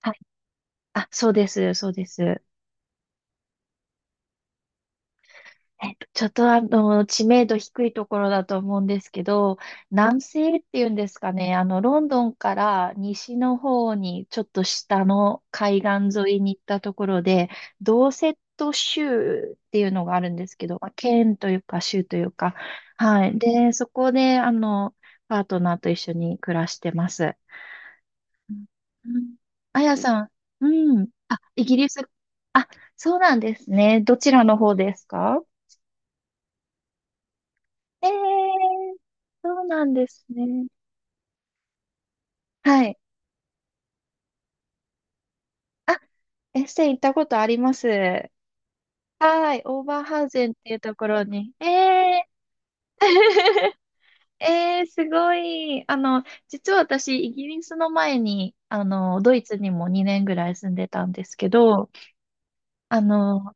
はい。あ、そうです、そうです。えっと、ちょっとあの、知名度低いところだと思うんですけど、南西っていうんですかね、ロンドンから西の方に、ちょっと下の海岸沿いに行ったところで、ドーセット州っていうのがあるんですけど、まあ、県というか州というか、はい。で、そこで、パートナーと一緒に暮らしてます。うんあやさん、うん。あ、イギリスあ、そうなんですね。どちらの方ですか？ええーそうなんですね。はい。あ、エッセ行ったことあります。はい。オーバーハウゼンっていうところに。ええー ええーすごい。実は私、イギリスの前に、ドイツにも2年ぐらい住んでたんですけど、あの、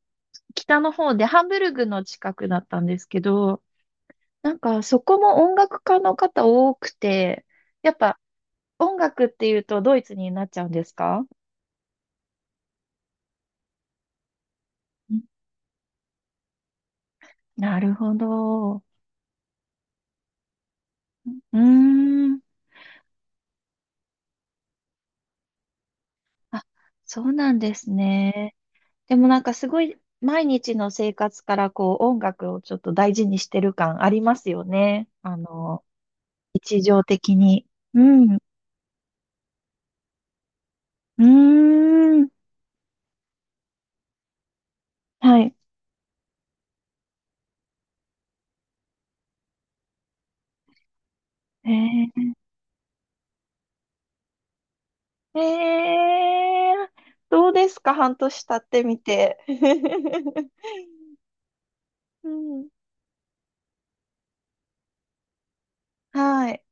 北の方でハンブルグの近くだったんですけど、なんかそこも音楽家の方多くて、やっぱ音楽っていうとドイツになっちゃうんですか？んなるほど。うーん。あ、そうなんですね。でもなんかすごい毎日の生活からこう音楽をちょっと大事にしてる感ありますよね。日常的に。うん。うーん。はい。えー、えー、どうですか半年経ってみて？うん。はい。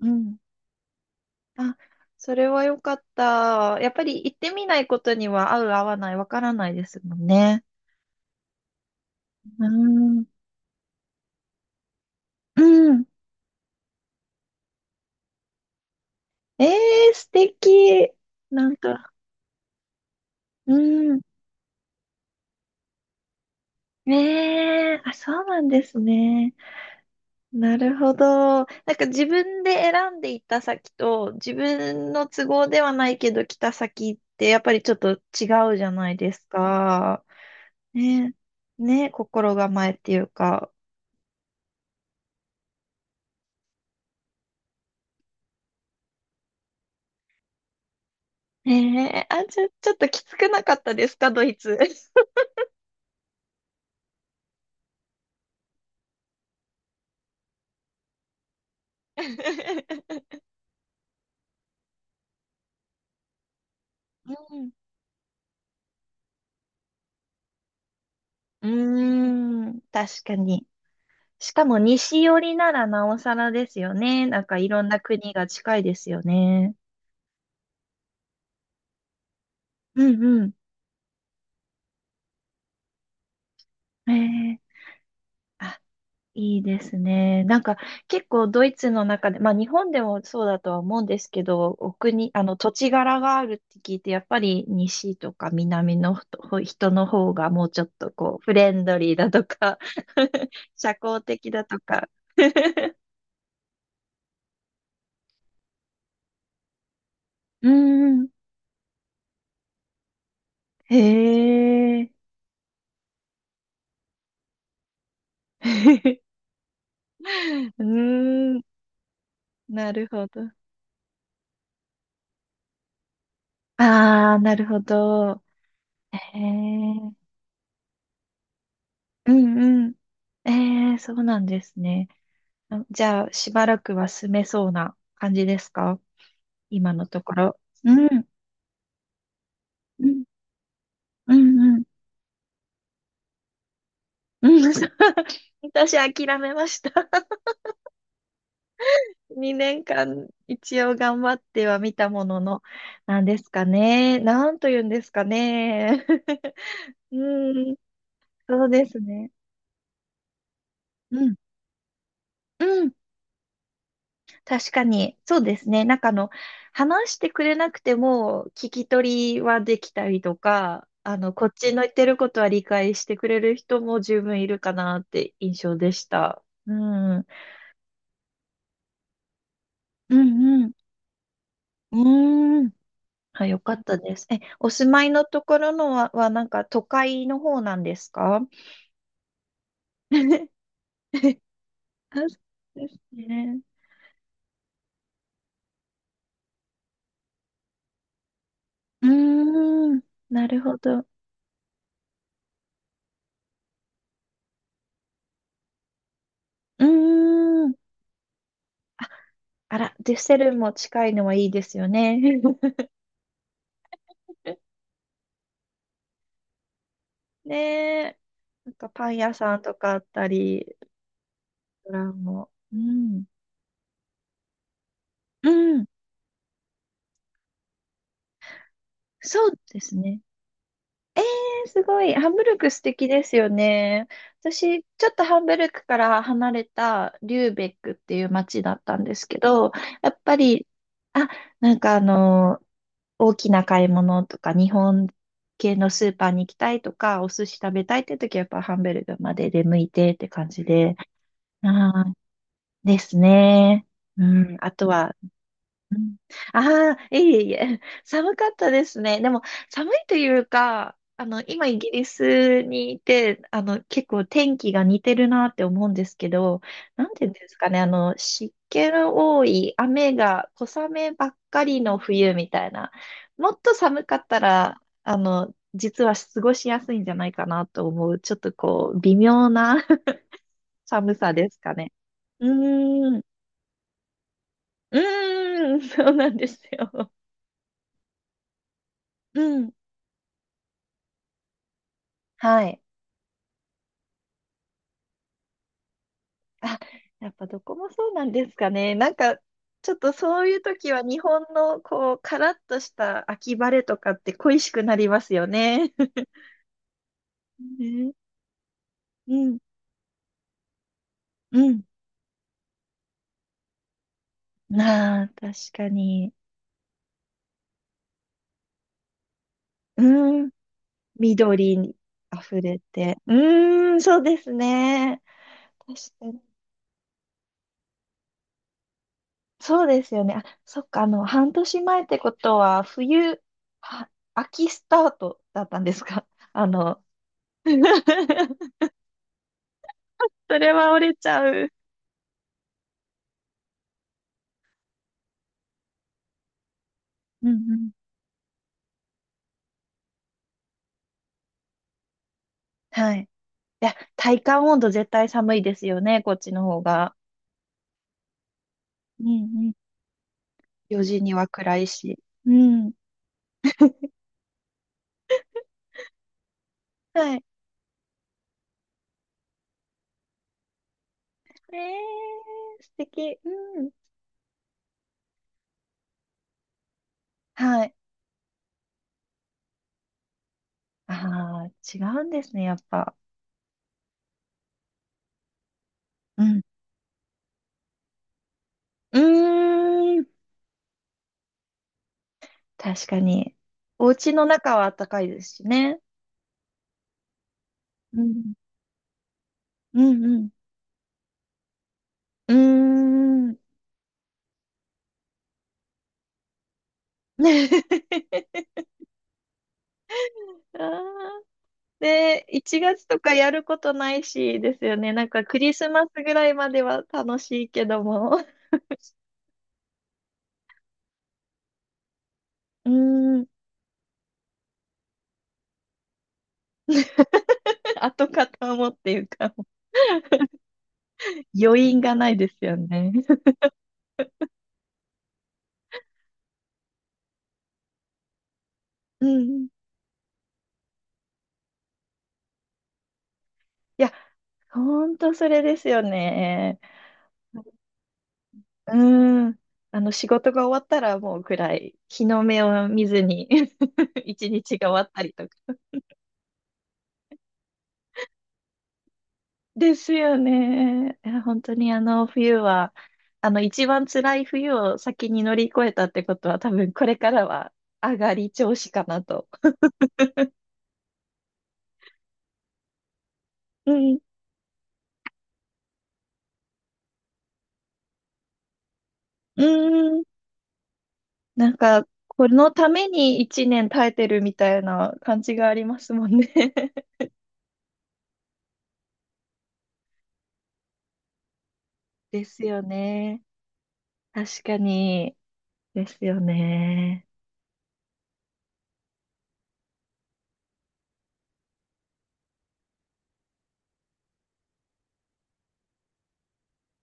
うん。あ、それは良かった。やっぱり行ってみないことには合う合わないわからないですもんね。うん。うん。ええ素敵。なんか、うん。ねえ、あ、そうなんですね。なるほど。なんか自分で選んで行った先と、自分の都合ではないけど来た先ってやっぱりちょっと違うじゃないですか。ねえ、ねえ、心構えっていうか。ええあ、ちょっときつくなかったですか、ドイツ？うん。うーん、確かに。しかも西寄りならなおさらですよね。なんかいろんな国が近いですよね。うんうん。ええいいですね。なんか結構ドイツの中で、まあ日本でもそうだとは思うんですけど、お国、あの土地柄があるって聞いて、やっぱり西とか南のほ人の方がもうちょっとこうフレンドリーだとか 社交的だとか うーん。へえ。うーん。なるほど。ああ、なるほど。へえ。うんうん。ええ、そうなんですね。あじゃあ、しばらくは住めそうな感じですか？今のところ。うん。うん。うん。うん。うん 私諦めました。2年間一応頑張っては見たものの、なんですかね。なんと言うんですかね。うん。そうですね。うん。うん。確かに、そうですね。話してくれなくても、聞き取りはできたりとか、こっちの言ってることは理解してくれる人も十分いるかなって印象でした。うん。うんうん。うーん。あ、よかったです。え、お住まいのところのは、はなんか都会の方なんですか？ あそうですね。うーん。なるほど。うーん。あら、デュッセルも近いのはいいですよね。ねえ。なんかパン屋さんとかあったり、レストランも。うん。うん。そうですね。ねえーすごい。ハンブルク素敵ですよね。私、ちょっとハンブルクから離れたリューベックっていう街だったんですけど、やっぱり、あ、なんかあの、大きな買い物とか、日本系のスーパーに行きたいとか、お寿司食べたいって時はやっぱハンブルクまで出向いてって感じで、ああ、ですね。うん、あとはうんは、ああー、いえいえいえ、寒かったですね。でも、寒いというか、今イギリスにいて、結構天気が似てるなって思うんですけど、なんていうんですかね、湿気の多い、雨が、小雨ばっかりの冬みたいな、もっと寒かったら、実は過ごしやすいんじゃないかなと思う、ちょっとこう、微妙な 寒さですかね。うーん。うーん、そうなんですよ。うん。はい。あ、やっぱどこもそうなんですかね。なんか、ちょっとそういう時は日本のこう、カラッとした秋晴れとかって恋しくなりますよね。ね、うん、うん。なあ、確かに。うん、緑に溢れて。うーん、そうですね。確かにそうですよね。あ、そっか、半年前ってことは、冬、は、秋スタートだったんですか？ あの、それは折れちゃう。うんうん。はい。いや、体感温度絶対寒いですよね、こっちの方が。うんうん。4時には暗いし。うん。はい。えー、素敵。うん。はい。ああ、違うんですね、やっぱ。うん。うーん。確かに。お家の中は暖かいですしね。うん、うんうん、うーん。あーで、1月とかやることないし、ですよね。なんかクリスマスぐらいまでは楽しいけども、うーん、跡形もっていうか、余韻がないですよね。うん。いや、ほんとそれですよね。うん。仕事が終わったらもう暗い。日の目を見ずに 一日が終わったりとか。ですよね。いや本当にあの冬は、あの一番辛い冬を先に乗り越えたってことは多分これからは上がり調子かなと。うん。うん。なんか、このために一年耐えてるみたいな感じがありますもんね。ですよね。確かに。ですよね。